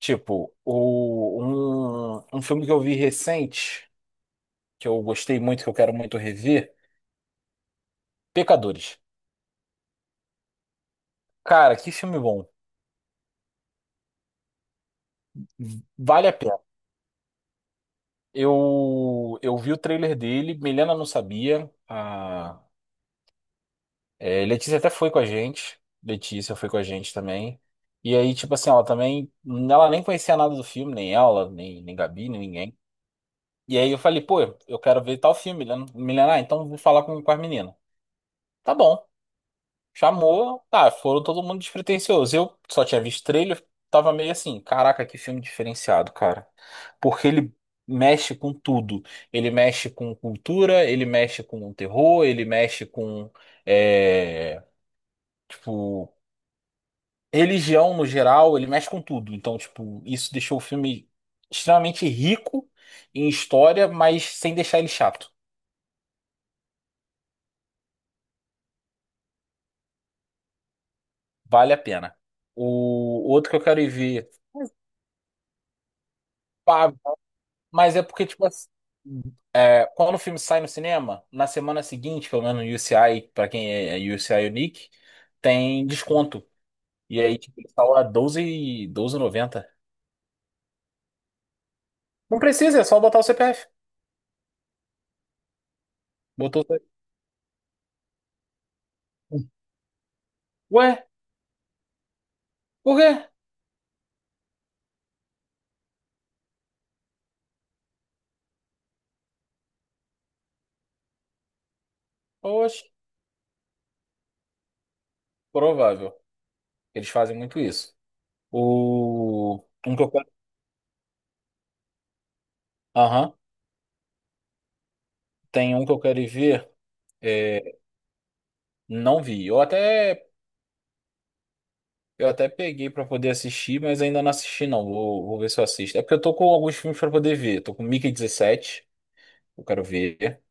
Tipo, um filme que eu vi recente, que eu gostei muito, que eu quero muito rever, Pecadores. Cara, que filme bom. Vale a pena. Eu vi o trailer dele, Milena não sabia. Letícia até foi com a gente. Letícia foi com a gente também. E aí, tipo assim, ela também. Ela nem conhecia nada do filme, nem ela, nem Gabi, nem ninguém. E aí eu falei, pô, eu quero ver tal filme, Milena. Milena, então vou falar com as meninas. Tá bom. Chamou, tá, foram todo mundo despretensioso. Eu só tinha visto trailer, tava meio assim, caraca, que filme diferenciado, cara. Porque ele mexe com tudo. Ele mexe com cultura, ele mexe com terror, ele mexe com, é, tipo, religião no geral, ele mexe com tudo. Então, tipo, isso deixou o filme extremamente rico em história, mas sem deixar ele chato. Vale a pena. O outro que eu quero ir ver. Mas é porque, tipo, assim, quando o filme sai no cinema, na semana seguinte, pelo menos no UCI, pra quem é UCI Unique, tem desconto. E aí, tipo, ele tá doze 12, 12,90. Não precisa, é só botar o CPF. Botou o CPF. Ué, por quê? Oxe, provável. Eles fazem muito isso. Um que eu quero. Aham. Tem um que eu quero ir ver. É, não vi. Eu até peguei pra poder assistir, mas ainda não assisti, não. Vou ver se eu assisto. É porque eu tô com alguns filmes pra poder ver. Tô com Mickey 17. Eu quero ver.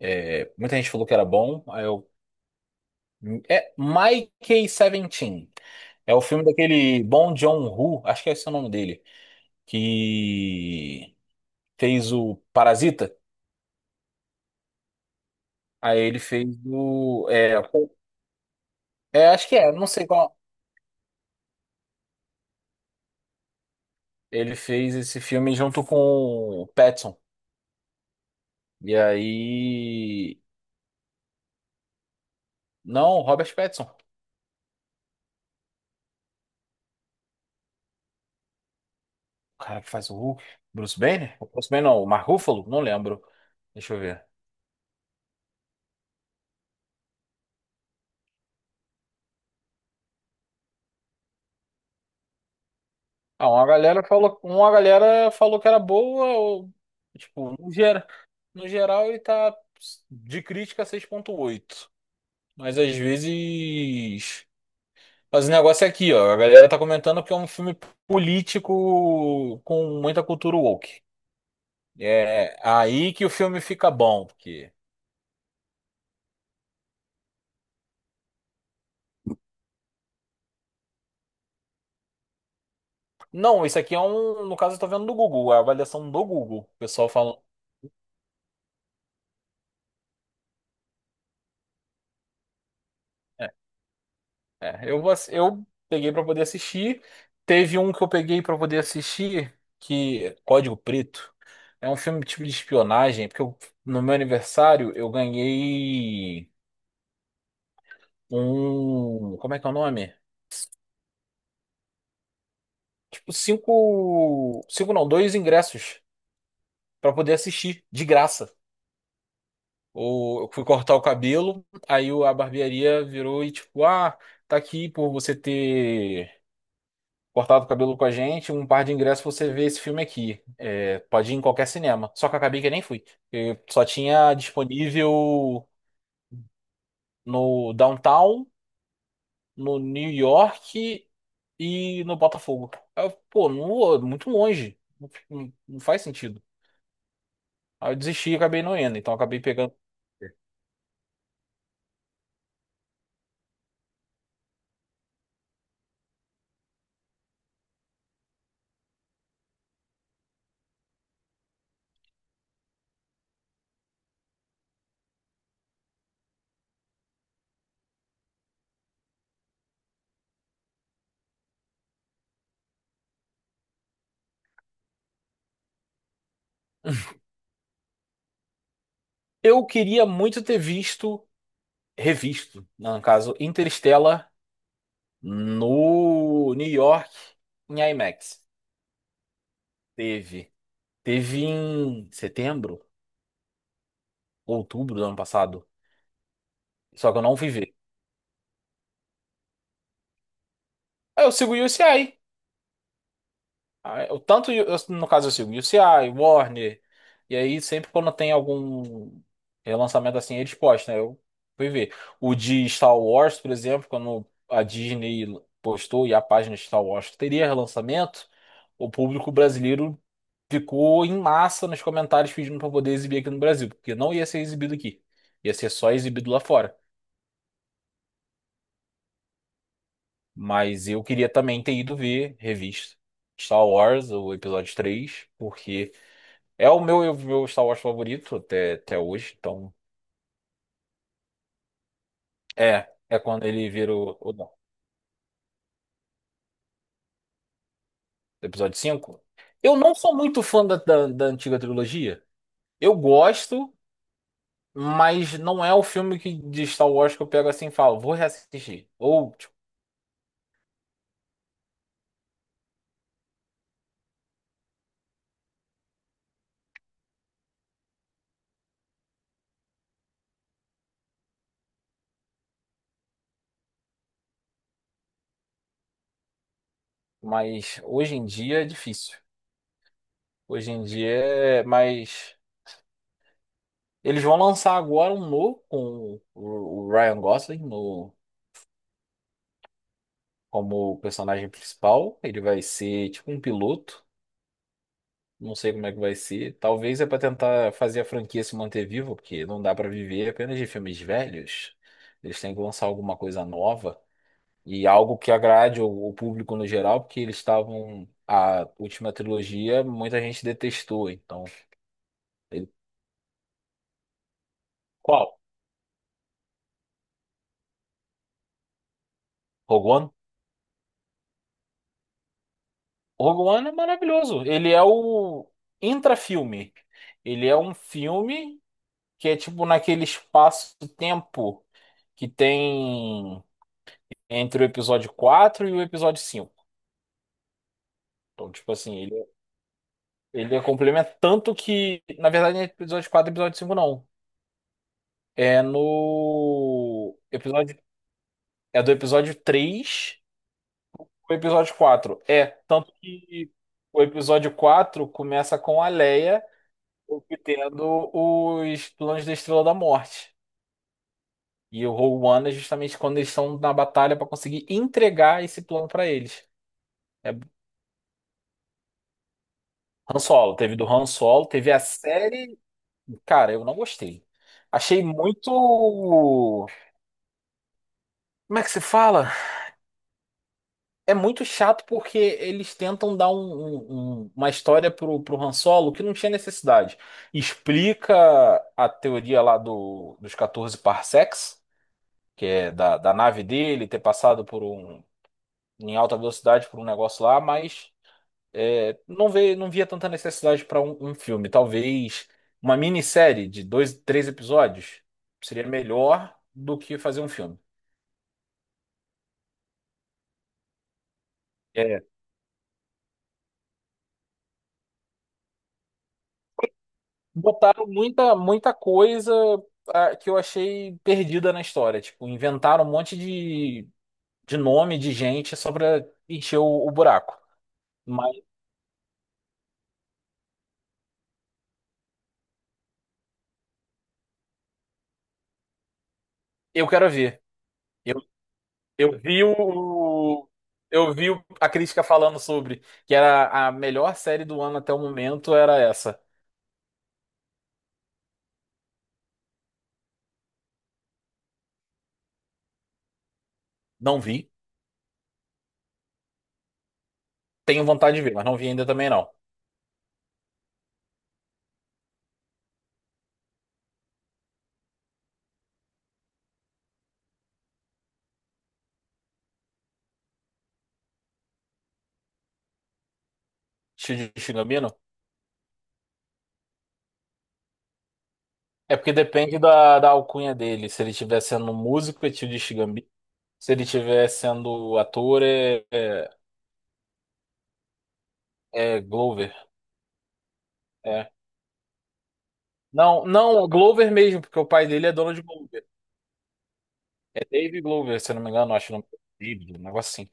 É, muita gente falou que era bom. Aí eu. É Mickey 17. É o filme daquele Bong Joon-ho, acho que é esse o nome dele, que fez o Parasita. Aí ele fez o. Acho que é, não sei qual. Ele fez esse filme junto com o Pattinson. E aí. Não, Robert Pattinson. O cara que faz o Hulk. Bruce Banner? O Bruce Banner não, o Mark Ruffalo? Não lembro. Deixa eu ver. Ah, uma galera falou que era boa, ou, tipo, no geral ele tá de crítica 6.8. Mas às vezes. Mas o negócio é aqui, ó. A galera tá comentando que é um filme político com muita cultura woke. É aí que o filme fica bom, porque. Não, isso aqui é um. No caso, eu tô vendo do Google, a avaliação do Google. O pessoal falando. é, eu peguei pra poder assistir. Teve um que eu peguei pra poder assistir, que é Código Preto. É um filme tipo de espionagem, porque no meu aniversário eu ganhei um. Como é que é o nome? Tipo, cinco. Cinco não, dois ingressos pra poder assistir, de graça. Eu fui cortar o cabelo, aí a barbearia virou e tipo, tá aqui por você ter. Cortava o cabelo com a gente, um par de ingressos pra você vê esse filme aqui. É, pode ir em qualquer cinema. Só que eu acabei que eu nem fui. Eu só tinha disponível no Downtown, no New York e no Botafogo. Aí eu, pô, não- muito longe. Não, não faz sentido. Aí eu desisti e acabei não indo. Então eu acabei pegando. Eu queria muito ter visto, revisto, né, no caso, Interstellar no New York em IMAX. Teve. Teve em setembro, outubro do ano passado. Só que eu não fui ver. Aí eu sigo o UCI. Aí, no caso, eu sigo o UCI, Warner. E aí, sempre quando tem algum relançamento assim, eles postam, né? Eu fui ver. O de Star Wars, por exemplo, quando a Disney postou e a página de Star Wars que teria relançamento, o público brasileiro ficou em massa nos comentários pedindo para poder exibir aqui no Brasil, porque não ia ser exibido aqui. Ia ser só exibido lá fora. Mas eu queria também ter ido ver revista Star Wars, o episódio três, porque é o meu Star Wars favorito até hoje. Então, é quando ele vira não, o episódio cinco. Eu não sou muito fã da antiga trilogia. Eu gosto, mas não é o filme que, de Star Wars, que eu pego assim e falo, vou reassistir. Ou, tipo, mas hoje em dia é difícil. Hoje em dia é mais. Eles vão lançar agora um novo com o Ryan Gosling no, como personagem principal. Ele vai ser tipo um piloto. Não sei como é que vai ser. Talvez é para tentar fazer a franquia se manter viva, porque não dá para viver apenas de filmes velhos. Eles têm que lançar alguma coisa nova e algo que agrade o público no geral, porque eles estavam. A última trilogia muita gente detestou. Então, ele- qual? Rogue One? Rogue One é maravilhoso. Ele é o intrafilme. Ele é um filme que é tipo naquele espaço-tempo que tem entre o episódio 4 e o episódio 5. Então, tipo assim, ele, é complemento, tanto que, na verdade, não é episódio 4, e episódio 5 não. É no episódio É do episódio três, o episódio 4. É, tanto que o episódio 4 começa com a Leia obtendo os planos da Estrela da Morte. E o Rogue One é justamente quando eles estão na batalha para conseguir entregar esse plano para eles. É Han Solo, teve do Han Solo, teve a série. Cara, eu não gostei. Achei muito. Como é que se fala? É muito chato porque eles tentam dar uma história pro Han Solo que não tinha necessidade. Explica a teoria lá dos 14 parsecs, que é da nave dele ter passado por um em alta velocidade por um negócio lá, mas não vê, não via tanta necessidade para um filme. Talvez uma minissérie de dois, três episódios seria melhor do que fazer um filme. É, botaram muita, muita coisa, que eu achei perdida na história. Tipo, inventaram um monte de nome de gente só para encher o buraco. Mas eu quero ver. Eu vi o. A crítica falando sobre que era a melhor série do ano até o momento, era essa. Não vi. Tenho vontade de ver, mas não vi ainda também não. Shuji Shigamino? É porque depende da alcunha dele. Se ele estiver sendo músico, é Shuji Shigami. Se ele estiver sendo ator, é Glover. É. Não, não, é Glover mesmo, porque o pai dele é dono de Glover. É Dave Glover, se eu não me engano, acho o nome dele, um negócio assim.